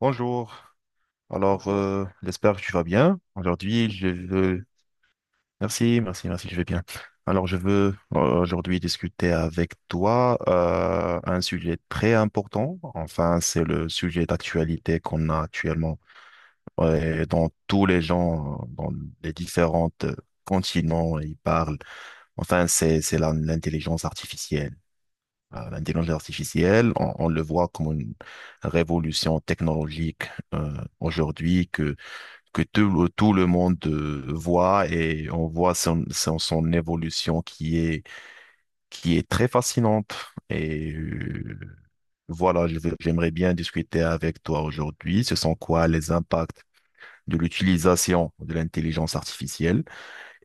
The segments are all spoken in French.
Bonjour, j'espère que tu vas bien. Aujourd'hui, je veux... Merci, merci, merci, je vais bien. Alors, je veux aujourd'hui discuter avec toi un sujet très important. Enfin, c'est le sujet d'actualité qu'on a actuellement. Ouais, dans tous les gens, dans les différents continents, ils parlent. Enfin, c'est l'intelligence artificielle. L'intelligence artificielle, on le voit comme une révolution technologique euh, aujourd'hui que tout le monde voit, et on voit son évolution qui est très fascinante. Et euh, voilà, j'aimerais bien discuter avec toi aujourd'hui. Ce sont quoi les impacts de l'utilisation de l'intelligence artificielle?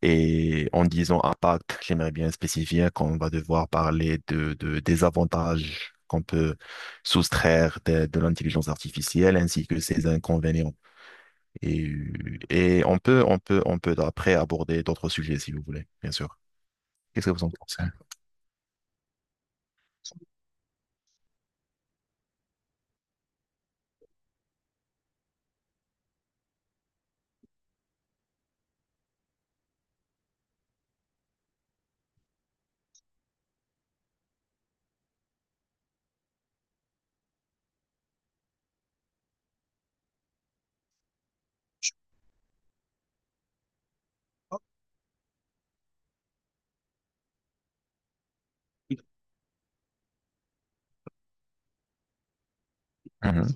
Et en disant impact, j'aimerais bien spécifier qu'on va devoir parler des avantages qu'on peut soustraire de l'intelligence artificielle ainsi que ses inconvénients. Et, et on peut, on peut après aborder d'autres sujets si vous voulez, bien sûr. Qu'est-ce que vous en pensez? Mhm.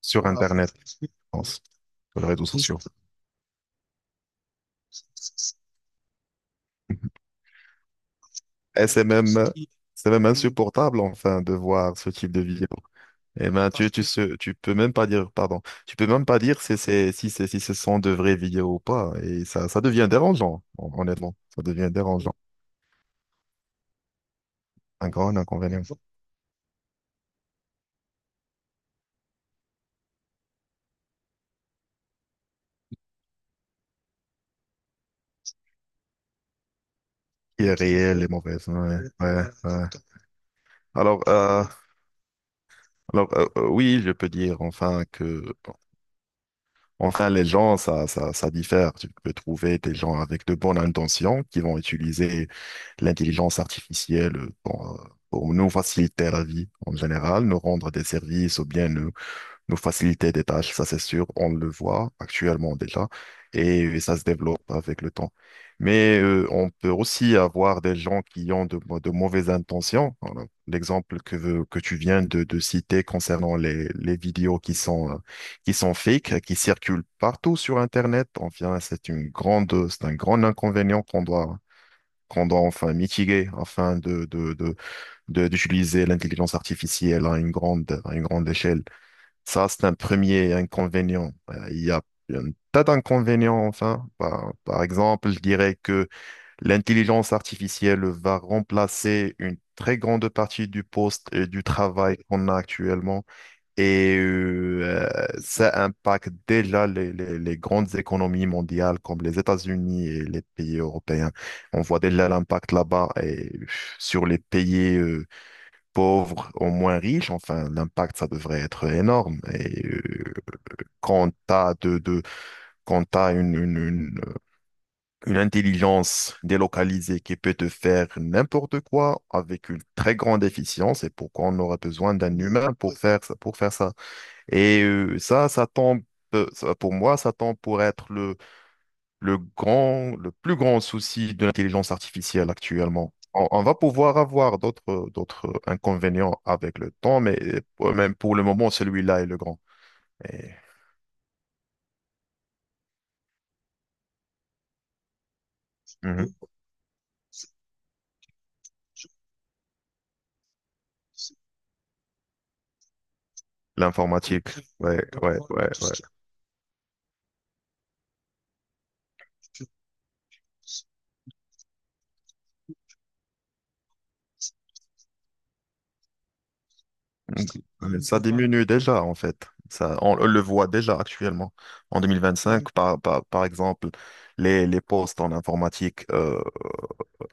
Sur Internet, je pense, sur les réseaux sociaux. Et c'est c'est même insupportable, enfin, de voir ce type de vidéo. Eh ben, tu peux même pas dire, pardon, tu peux même pas dire si c'est, si ce sont de vraies vidéos ou pas. Et ça devient dérangeant, honnêtement. Ça devient dérangeant. Un grand inconvénient. Qui est réel et mauvais. Ouais, ouais, ouais. Alors, euh, Alors, oui, je peux dire enfin que, enfin, les gens, ça diffère. Tu peux trouver des gens avec de bonnes intentions qui vont utiliser l'intelligence artificielle pour nous faciliter la vie en général, nous rendre des services ou bien nous faciliter des tâches. Ça c'est sûr, on le voit actuellement déjà, et ça se développe avec le temps. On peut aussi avoir des gens qui ont de mauvaises intentions. Voilà. L'exemple que tu viens de citer concernant les vidéos qui sont fake, qui circulent partout sur Internet, enfin, c'est une c'est un grand inconvénient qu'on doit enfin mitiguer afin d'utiliser l'intelligence artificielle à une à une grande échelle. Ça, c'est un premier inconvénient. Il y a un tas d'inconvénients, enfin. Par exemple, je dirais que l'intelligence artificielle va remplacer une très grande partie du poste et du travail qu'on a actuellement. Et euh, ça impacte déjà les grandes économies mondiales comme les États-Unis et les pays européens. On voit déjà l'impact là-bas et sur les pays pauvres aux moins riches. Enfin, l'impact, ça devrait être énorme. Quand quand t'as une intelligence délocalisée qui peut te faire n'importe quoi avec une très grande efficience, et pourquoi on aura besoin d'un humain pour faire ça, pour faire ça. Ça, ça, pour moi, ça tombe pour être le le plus grand souci de l'intelligence artificielle actuellement. On va pouvoir avoir d'autres inconvénients avec le temps, mais même pour le moment, celui-là est le grand. Et, mhm. L'informatique, ouais, ouais, ouais, ouais. Mais ça diminue déjà, en fait. Ça, on le voit déjà actuellement. En 2025, par exemple, les postes en informatique,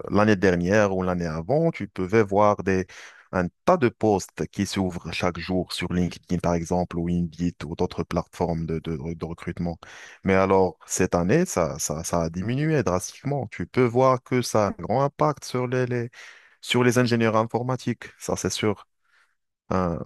l'année dernière ou l'année avant, tu pouvais voir des, un tas de postes qui s'ouvrent chaque jour sur LinkedIn, par exemple, ou Indeed, ou d'autres plateformes de recrutement. Mais alors, cette année, ça a diminué drastiquement. Tu peux voir que ça a un grand impact sur sur les ingénieurs informatiques, ça c'est sûr. Hein.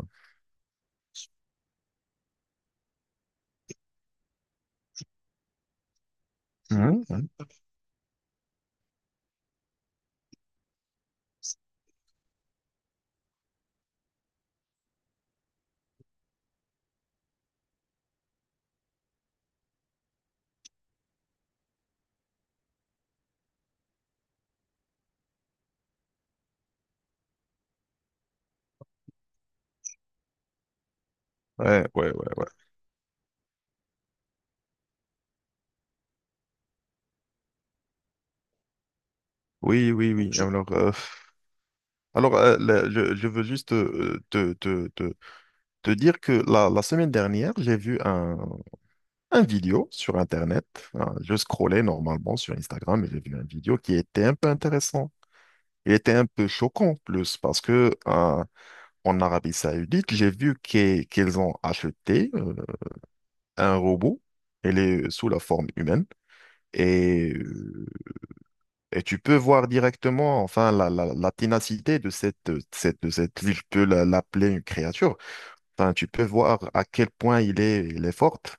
Ouais, ouais, ouais. Oui, oui, oui. Alors je veux juste te dire que la semaine dernière, j'ai vu un vidéo sur Internet. Hein, je scrollais normalement sur Instagram et j'ai vu un vidéo qui était un peu intéressant. Il était un peu choquant en plus parce que en Arabie Saoudite, j'ai vu qu'ils ont acheté un robot. Elle est sous la forme humaine et, euh, et tu peux voir directement enfin la ténacité de cette, je peux l'appeler une créature. Enfin, tu peux voir à quel point il est forte.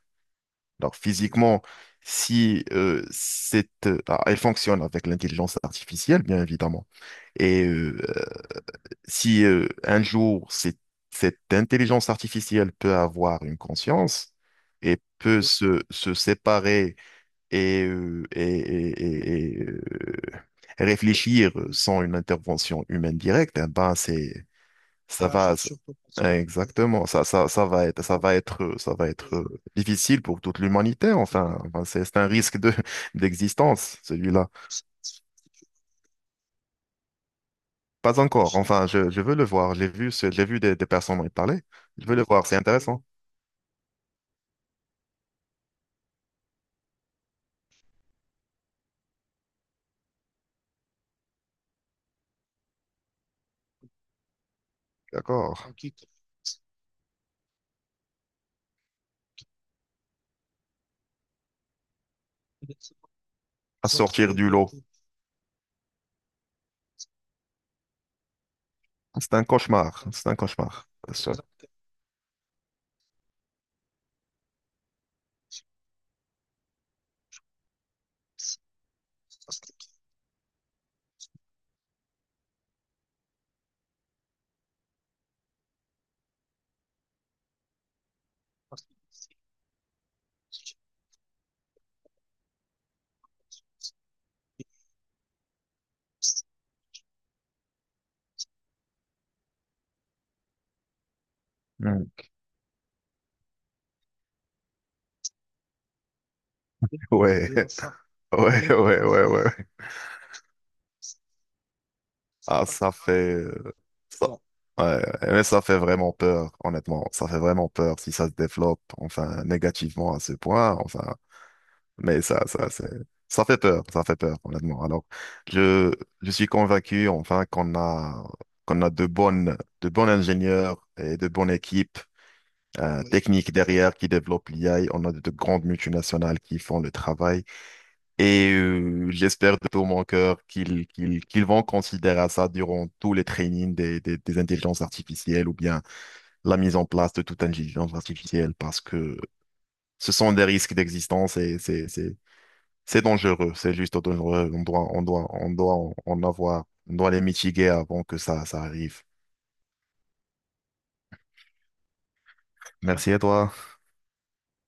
Alors physiquement, si elle fonctionne avec l'intelligence artificielle, bien évidemment. Et euh, si un jour cette intelligence artificielle peut avoir une conscience et peut se séparer et, euh, et, et- et- et, euh, réfléchir sans une intervention humaine directe, eh ben c'est ça va, ça- exactement. Ça va être, ça va être difficile pour toute l'humanité. Enfin, c'est un risque de d'existence, celui-là. Pas encore. Enfin, je veux le voir. J'ai vu, j'ai vu des personnes m'en parler. Je veux le voir. C'est intéressant. D'accord. À sortir du lot. C'est un cauchemar. C'est un cauchemar. Ça. Mm. Ouais. Ouais, ouais, ouais, ouais. Ah, ça fait... euh, ça- Ouais, mais ça fait vraiment peur, honnêtement. Ça fait vraiment peur si ça se développe, enfin, négativement à ce point, enfin. Mais c'est... ça fait peur, honnêtement. Alors, je, je suis convaincu, enfin, qu'on a de bonnes, de bons ingénieurs et de bonnes équipes techniques derrière qui développent l'IA. On a de grandes multinationales qui font le travail. J'espère de tout mon cœur qu'ils vont considérer ça durant tous les trainings des intelligences artificielles ou bien la mise en place de toute intelligence artificielle parce que ce sont des risques d'existence et c'est dangereux, c'est juste dangereux. On doit en avoir, on doit les mitiguer avant que ça arrive. Merci à toi.